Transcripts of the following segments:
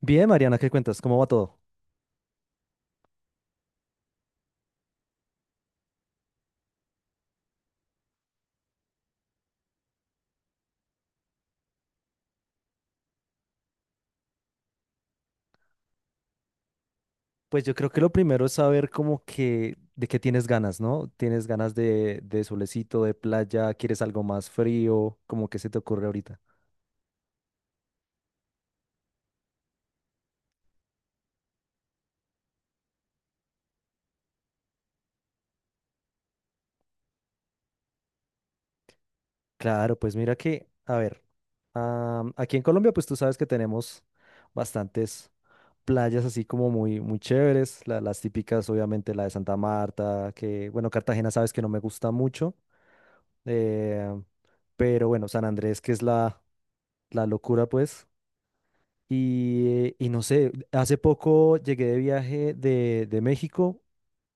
Bien, Mariana, ¿qué cuentas? ¿Cómo va todo? Pues yo creo que lo primero es saber como que de qué tienes ganas, ¿no? ¿Tienes ganas de solecito, de playa? ¿Quieres algo más frío? ¿Cómo que se te ocurre ahorita? Claro, pues mira que, a ver, aquí en Colombia pues tú sabes que tenemos bastantes playas así como muy, muy chéveres, las típicas, obviamente la de Santa Marta. Que bueno, Cartagena sabes que no me gusta mucho, eh, pero bueno, San Andrés que es la locura pues. Y no sé, hace poco llegué de viaje de México,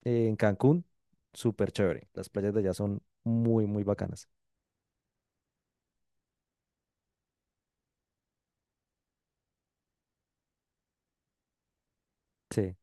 en Cancún, súper chévere. Las playas de allá son muy, muy bacanas. Sí,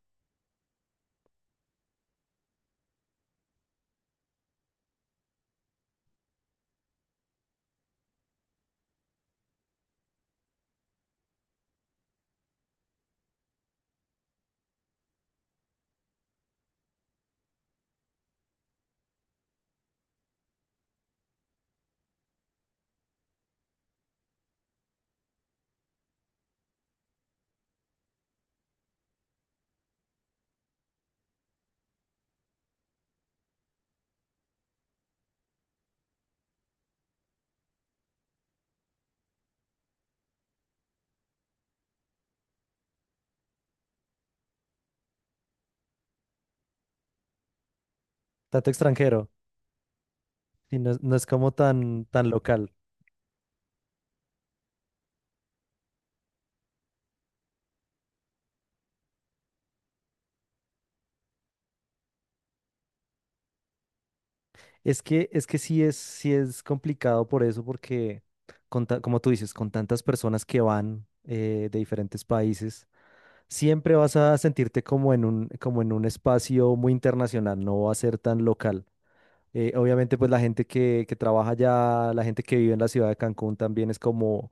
tanto extranjero, y no, es no es como tan, tan local. Es que, es que sí es complicado por eso, porque como tú dices, con tantas personas que van, de diferentes países, siempre vas a sentirte como en un espacio muy internacional, no va a ser tan local. Obviamente, pues la gente que trabaja allá, la gente que vive en la ciudad de Cancún también es como,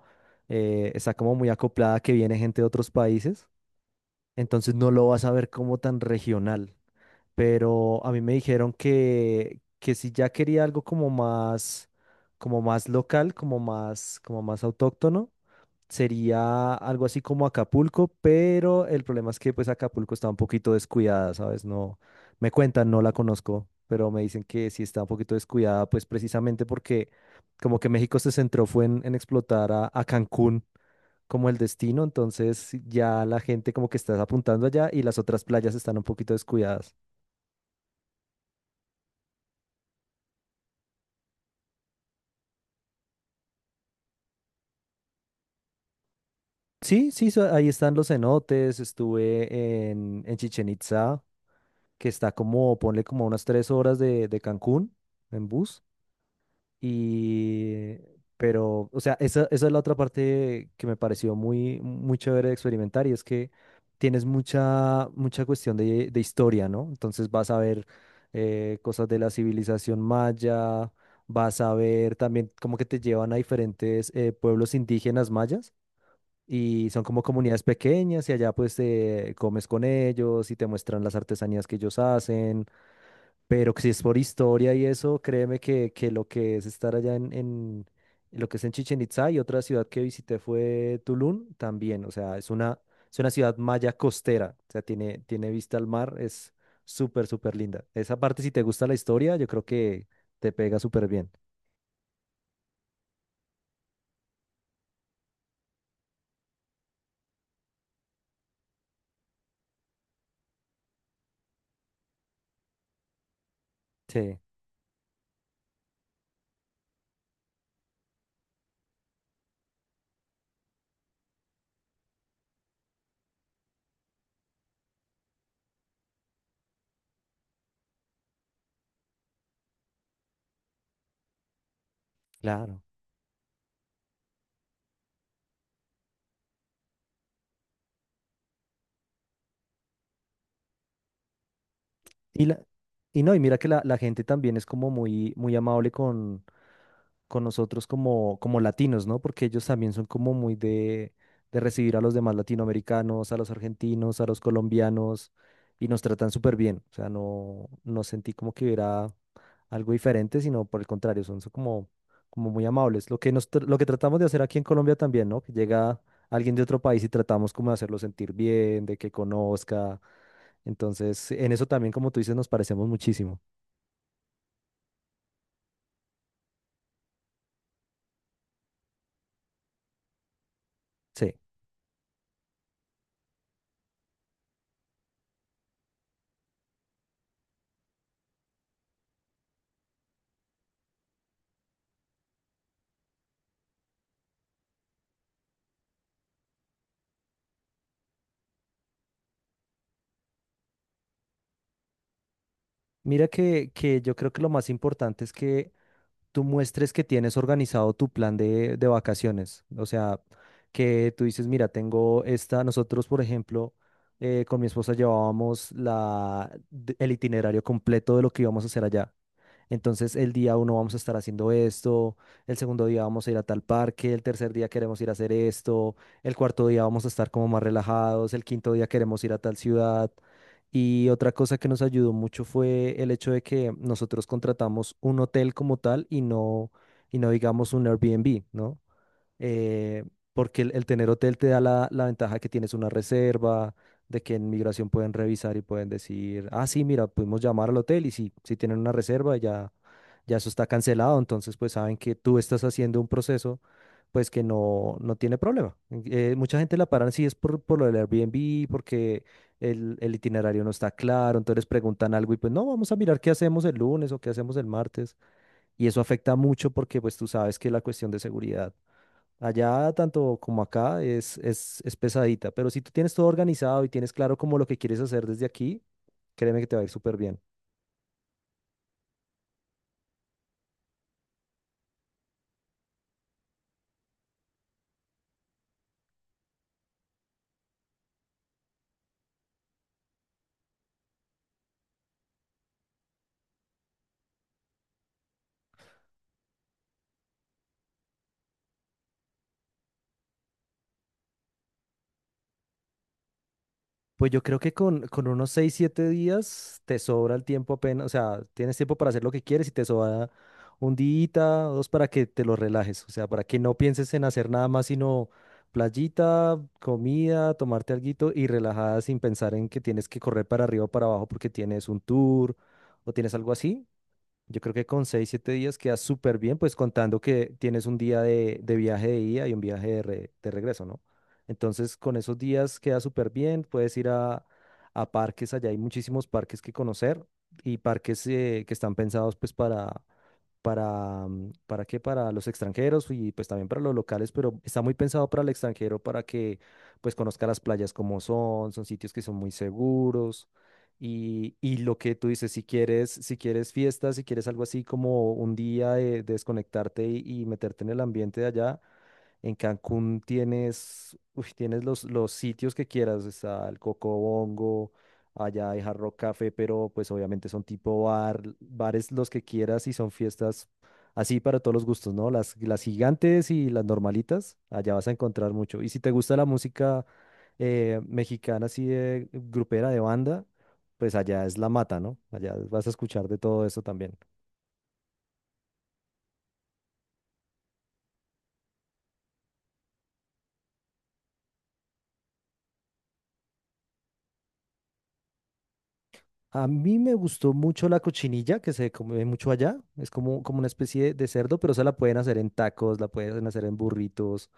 está como muy acoplada que viene gente de otros países, entonces no lo vas a ver como tan regional. Pero a mí me dijeron que si ya quería algo como más local, como más autóctono, sería algo así como Acapulco, pero el problema es que pues Acapulco está un poquito descuidada, ¿sabes? No, me cuentan, no la conozco, pero me dicen que sí está un poquito descuidada, pues precisamente porque como que México se centró fue en explotar a Cancún como el destino, entonces ya la gente como que está apuntando allá y las otras playas están un poquito descuidadas. Sí, sí, ahí están los cenotes, estuve en Chichén Itzá, que está como, ponle como unas 3 horas de Cancún en bus. Y, pero, o sea, esa es la otra parte que me pareció muy, muy chévere de experimentar, y es que tienes mucha, mucha cuestión de historia, ¿no? Entonces vas a ver, cosas de la civilización maya, vas a ver también como que te llevan a diferentes, pueblos indígenas mayas, y son como comunidades pequeñas y allá pues, comes con ellos y te muestran las artesanías que ellos hacen. Pero que si es por historia y eso, créeme que lo que es estar allá en lo que es en Chichén Itzá, y otra ciudad que visité fue Tulum también. O sea, es una ciudad maya costera, o sea, tiene, tiene vista al mar, es súper, súper linda. Esa parte, si te gusta la historia, yo creo que te pega súper bien. Sí, claro. Y, la, y no, y mira que la gente también es como muy, muy amable con nosotros como, como latinos, ¿no? Porque ellos también son como muy de recibir a los demás latinoamericanos, a los argentinos, a los colombianos, y nos tratan súper bien. O sea, no sentí como que hubiera algo diferente, sino por el contrario, son, son como, como muy amables. Lo que tratamos de hacer aquí en Colombia también, ¿no? Que llega alguien de otro país y tratamos como de hacerlo sentir bien, de que conozca. Entonces, en eso también, como tú dices, nos parecemos muchísimo. Sí. Mira que yo creo que lo más importante es que tú muestres que tienes organizado tu plan de vacaciones. O sea, que tú dices, mira, tengo esta, nosotros, por ejemplo, con mi esposa llevábamos el itinerario completo de lo que íbamos a hacer allá. Entonces, el día uno vamos a estar haciendo esto, el segundo día vamos a ir a tal parque, el tercer día queremos ir a hacer esto, el cuarto día vamos a estar como más relajados, el quinto día queremos ir a tal ciudad. Y otra cosa que nos ayudó mucho fue el hecho de que nosotros contratamos un hotel como tal, y no digamos un Airbnb, ¿no? eh, porque el tener hotel te da la ventaja que tienes una reserva, de que en migración pueden revisar y pueden decir, ah, sí, mira, pudimos llamar al hotel y si, si tienen una reserva ya, ya eso está cancelado, entonces pues saben que tú estás haciendo un proceso pues que no tiene problema. Mucha gente la paran si es por lo del Airbnb, porque el itinerario no está claro, entonces preguntan algo y pues no, vamos a mirar qué hacemos el lunes o qué hacemos el martes. Y eso afecta mucho porque pues tú sabes que la cuestión de seguridad allá tanto como acá es pesadita. Pero si tú tienes todo organizado y tienes claro como lo que quieres hacer desde aquí, créeme que te va a ir súper bien. Pues yo creo que con unos 6 7 días te sobra el tiempo apenas, o sea, tienes tiempo para hacer lo que quieres y te sobra un día o dos para que te lo relajes, o sea, para que no pienses en hacer nada más sino playita, comida, tomarte alguito y relajada, sin pensar en que tienes que correr para arriba o para abajo porque tienes un tour o tienes algo así. Yo creo que con seis, siete días quedas súper bien, pues contando que tienes un día de viaje de ida y un viaje de regreso, ¿no? Entonces, con esos días quedas súper bien, puedes ir a parques, allá hay muchísimos parques que conocer, y parques, que están pensados pues para, ¿para qué? Para los extranjeros, y pues también para los locales, pero está muy pensado para el extranjero para que pues conozca las playas como son, son sitios que son muy seguros. Y lo que tú dices, si quieres, si quieres fiestas, si quieres algo así como un día de desconectarte y meterte en el ambiente de allá, en Cancún tienes, tienes los sitios que quieras. Está el Cocobongo, allá hay Hard Rock Café, pero pues obviamente son tipo bares los que quieras, y son fiestas así para todos los gustos, ¿no? Las gigantes y las normalitas, allá vas a encontrar mucho. Y si te gusta la música, mexicana, así de grupera, de banda, pues allá es la mata, ¿no? Allá vas a escuchar de todo eso también. A mí me gustó mucho la cochinilla, que se come mucho allá. Es como, como una especie de cerdo, pero esa la pueden hacer en tacos, la pueden hacer en burritos,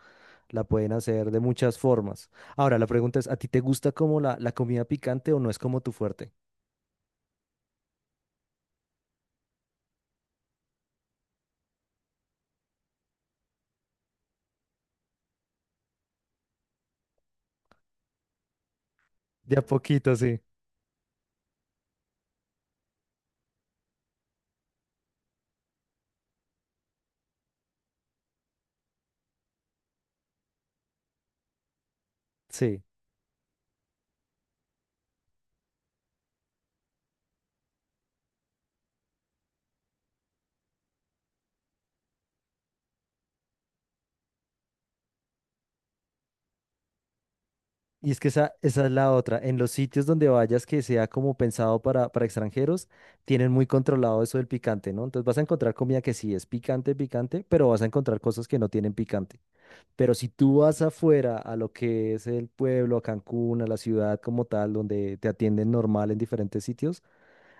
la pueden hacer de muchas formas. Ahora, la pregunta es, ¿a ti te gusta como la comida picante o no es como tu fuerte? De a poquito, sí. Sí. Y es que esa es la otra. En los sitios donde vayas que sea como pensado para extranjeros, tienen muy controlado eso del picante, ¿no? Entonces vas a encontrar comida que sí es picante, picante, pero vas a encontrar cosas que no tienen picante. Pero si tú vas afuera a lo que es el pueblo, a Cancún, a la ciudad como tal, donde te atienden normal en diferentes sitios,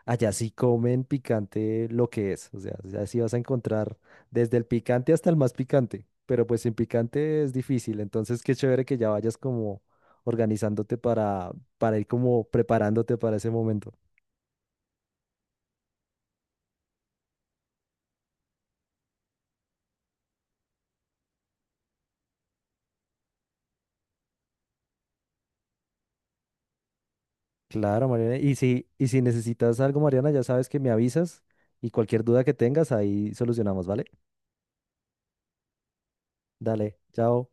allá sí comen picante lo que es. O sea, allá sí vas a encontrar desde el picante hasta el más picante. Pero pues sin picante es difícil. Entonces, qué chévere que ya vayas como organizándote para ir como preparándote para ese momento. Claro, Mariana. Y si necesitas algo, Mariana, ya sabes que me avisas, y cualquier duda que tengas, ahí solucionamos, ¿vale? Dale, chao.